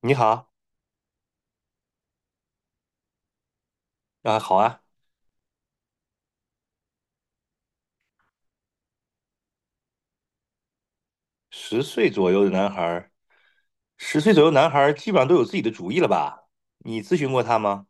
你好。啊，好啊。十岁左右的男孩儿，十岁左右男孩儿基本上都有自己的主意了吧？你咨询过他吗？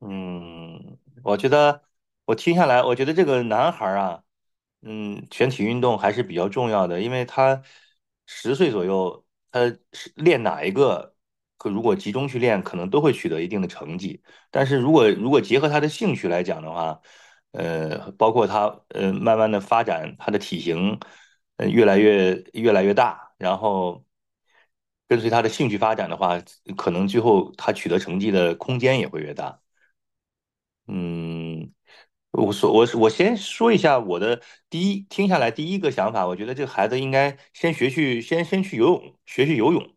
嗯，我觉得我听下来，我觉得这个男孩儿啊。全体运动还是比较重要的，因为他十岁左右，他是练哪一个，可如果集中去练，可能都会取得一定的成绩。但是如果结合他的兴趣来讲的话，包括他慢慢的发展，他的体型越来越大，然后跟随他的兴趣发展的话，可能最后他取得成绩的空间也会越大。嗯，我先说一下我的第一，听下来第一个想法，我觉得这个孩子应该先去游泳，游泳。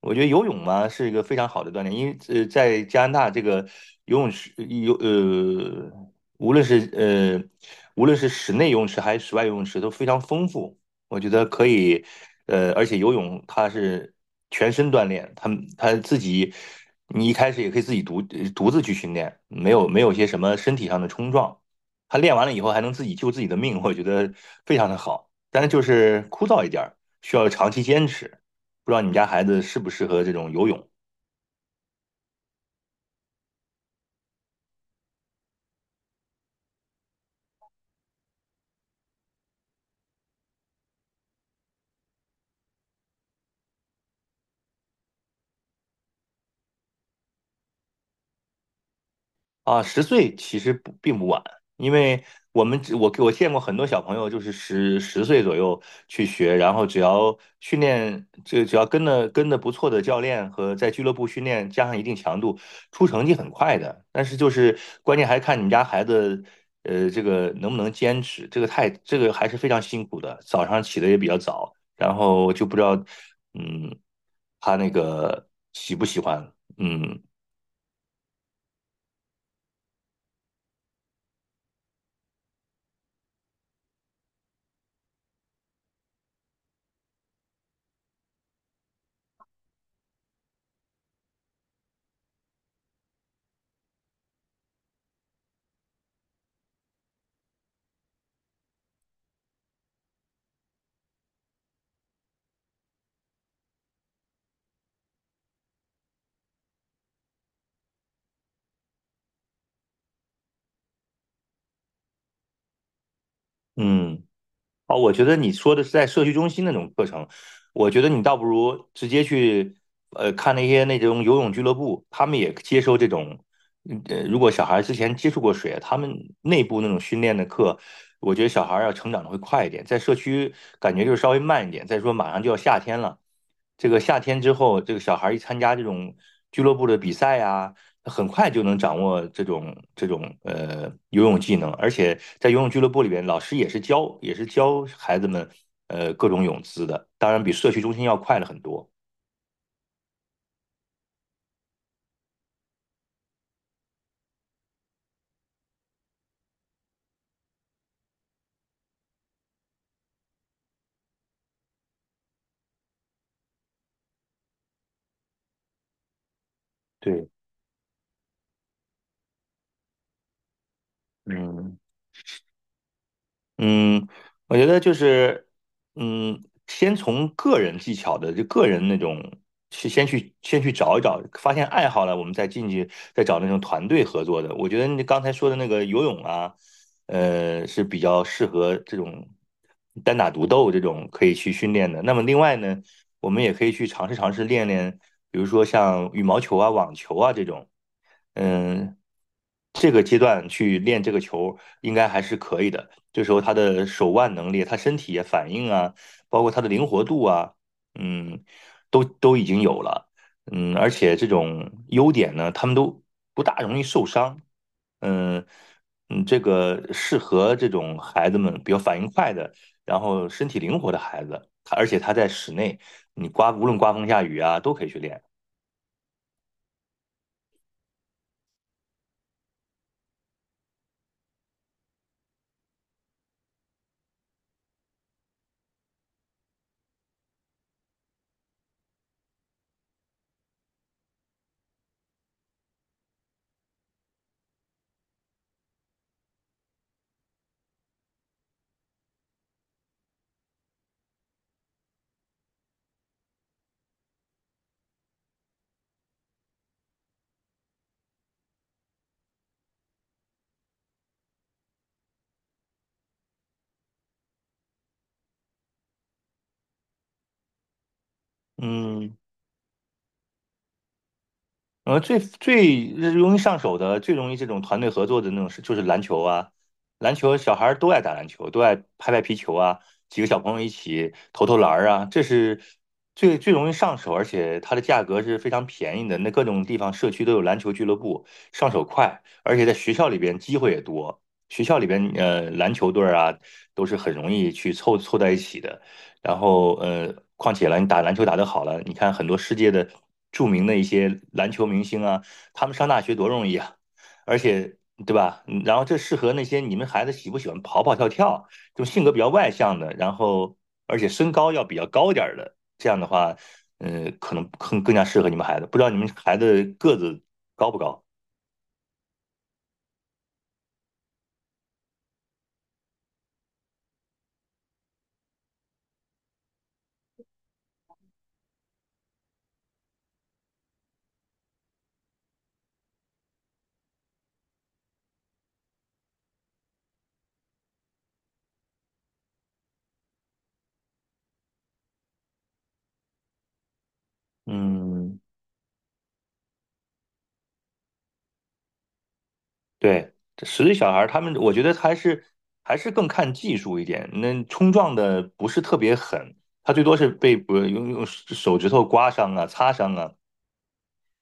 我觉得游泳嘛是一个非常好的锻炼，因为在加拿大这个游泳池无论是呃无论是室内游泳池还是室外游泳池都非常丰富。我觉得可以，而且游泳它是全身锻炼，它它自己，你一开始也可以自己独自去训练，没有些什么身体上的冲撞，他练完了以后还能自己救自己的命，我觉得非常的好。但是就是枯燥一点儿，需要长期坚持。不知道你们家孩子适不适合这种游泳？啊，十岁其实不并不晚，因为我们只我我见过很多小朋友，就是十岁左右去学，然后只要训练，这只要跟的不错的教练和在俱乐部训练，加上一定强度，出成绩很快的。但是就是关键还看你们家孩子，这个能不能坚持，这个太这个还是非常辛苦的，早上起的也比较早，然后就不知道，嗯，他那个喜不喜欢。嗯嗯。哦，我觉得你说的是在社区中心那种课程，我觉得你倒不如直接去，看那些那种游泳俱乐部，他们也接受这种，如果小孩之前接触过水啊，他们内部那种训练的课，我觉得小孩要成长的会快一点，在社区感觉就是稍微慢一点。再说马上就要夏天了，这个夏天之后，这个小孩一参加这种俱乐部的比赛呀。很快就能掌握这种游泳技能，而且在游泳俱乐部里边，老师也是教孩子们各种泳姿的，当然比社区中心要快了很多。对。嗯。嗯，我觉得就是，先从个人技巧的，就个人那种，去先去先去找一找，发现爱好了，我们再进去再找那种团队合作的。我觉得你刚才说的那个游泳啊，是比较适合这种单打独斗这种可以去训练的。那么另外呢，我们也可以去尝试尝试练练，比如说像羽毛球啊、网球啊这种。嗯，这个阶段去练这个球，应该还是可以的。这时候他的手腕能力、他身体也反应啊，包括他的灵活度啊，嗯，都已经有了。而且这种优点呢，他们都不大容易受伤。嗯嗯。这个适合这种孩子们比较反应快的，然后身体灵活的孩子。他而且他在室内，你刮无论刮风下雨啊，都可以去练。嗯，最最容易上手的、最容易这种团队合作的那种是，就是篮球啊。篮球小孩儿都爱打篮球，都爱拍拍皮球啊，几个小朋友一起投投篮儿啊，这是最最容易上手，而且它的价格是非常便宜的。那各种地方社区都有篮球俱乐部，上手快，而且在学校里边机会也多。学校里边篮球队儿啊，都是很容易去凑凑在一起的。然后况且了，你打篮球打得好了，你看很多世界的著名的一些篮球明星啊，他们上大学多容易啊，而且对吧？嗯然后这适合那些你们孩子喜不喜欢跑跑跳跳，就性格比较外向的，然后而且身高要比较高点儿的，这样的话，可能更加适合你们孩子。不知道你们孩子个子高不高？嗯。对，这实力小孩儿他们，我觉得还是更看技术一点。那冲撞的不是特别狠，他最多是被不用手指头刮伤啊、擦伤啊。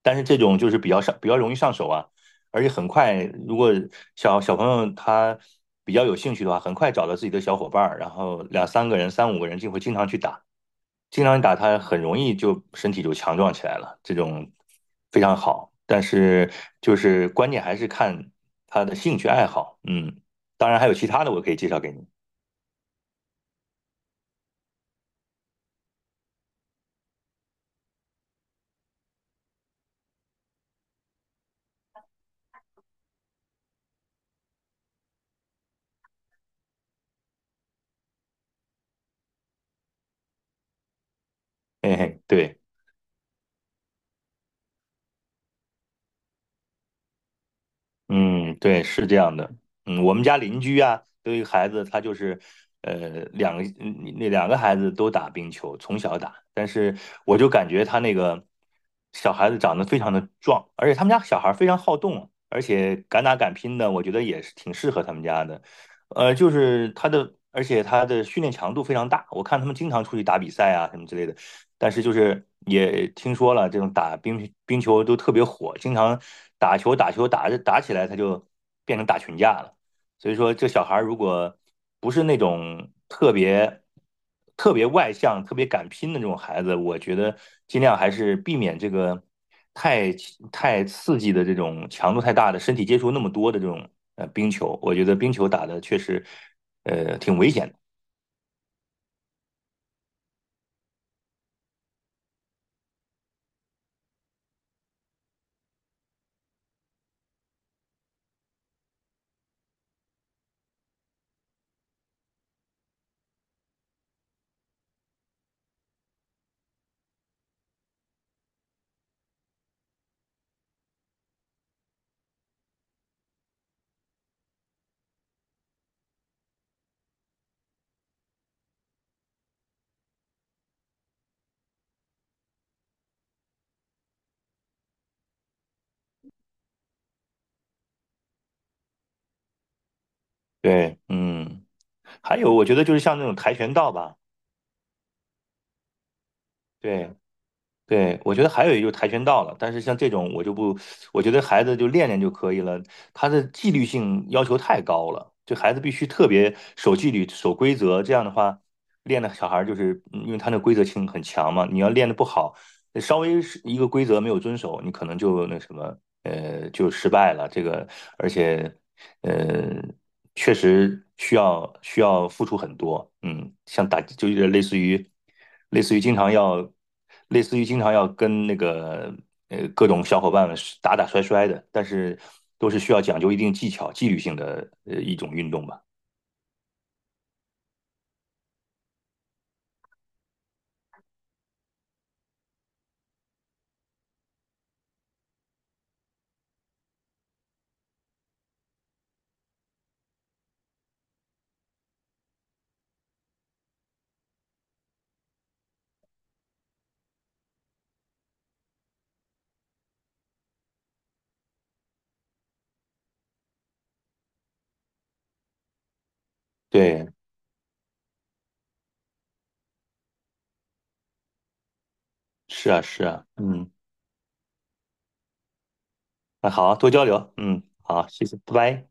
但是这种就是比较容易上手啊，而且很快，如果小朋友他比较有兴趣的话，很快找到自己的小伙伴儿，然后两三个人、三五个人就会经常去打。经常打他，很容易就身体就强壮起来了，这种非常好。但是就是关键还是看他的兴趣爱好。嗯，当然还有其他的我可以介绍给你。嘿嘿，对。嗯，对，是这样的。我们家邻居啊，都有一个孩子，他就是，呃，两个嗯那两个孩子都打冰球，从小打。但是我就感觉他那个小孩子长得非常的壮，而且他们家小孩非常好动，而且敢打敢拼的，我觉得也是挺适合他们家的。就是他的，而且他的训练强度非常大，我看他们经常出去打比赛啊什么之类的。但是就是也听说了，这种打冰球都特别火，经常打球打着打起来，他就变成打群架了。所以说，这小孩儿如果不是那种特别外向、特别敢拼的这种孩子，我觉得尽量还是避免这个太太刺激的这种强度太大的身体接触那么多的这种冰球。我觉得冰球打的确实挺危险的。对。嗯，还有我觉得就是像那种跆拳道吧。对对，我觉得还有一个就是跆拳道了，但是像这种我就不，我觉得孩子就练练就可以了，他的纪律性要求太高了，就孩子必须特别守纪律、守规则，这样的话，练的小孩儿就是，因为他那规则性很强嘛，你要练的不好，稍微是一个规则没有遵守，你可能就那什么，就失败了。这个，而且，呃，确实需要付出很多。嗯，像打就有点类似于经常要，类似于经常要跟那个各种小伙伴们是打打摔摔的，但是都是需要讲究一定技巧、纪律性的一种运动吧。对，是啊，是啊，嗯，那好，多交流，嗯，好，谢谢，拜拜。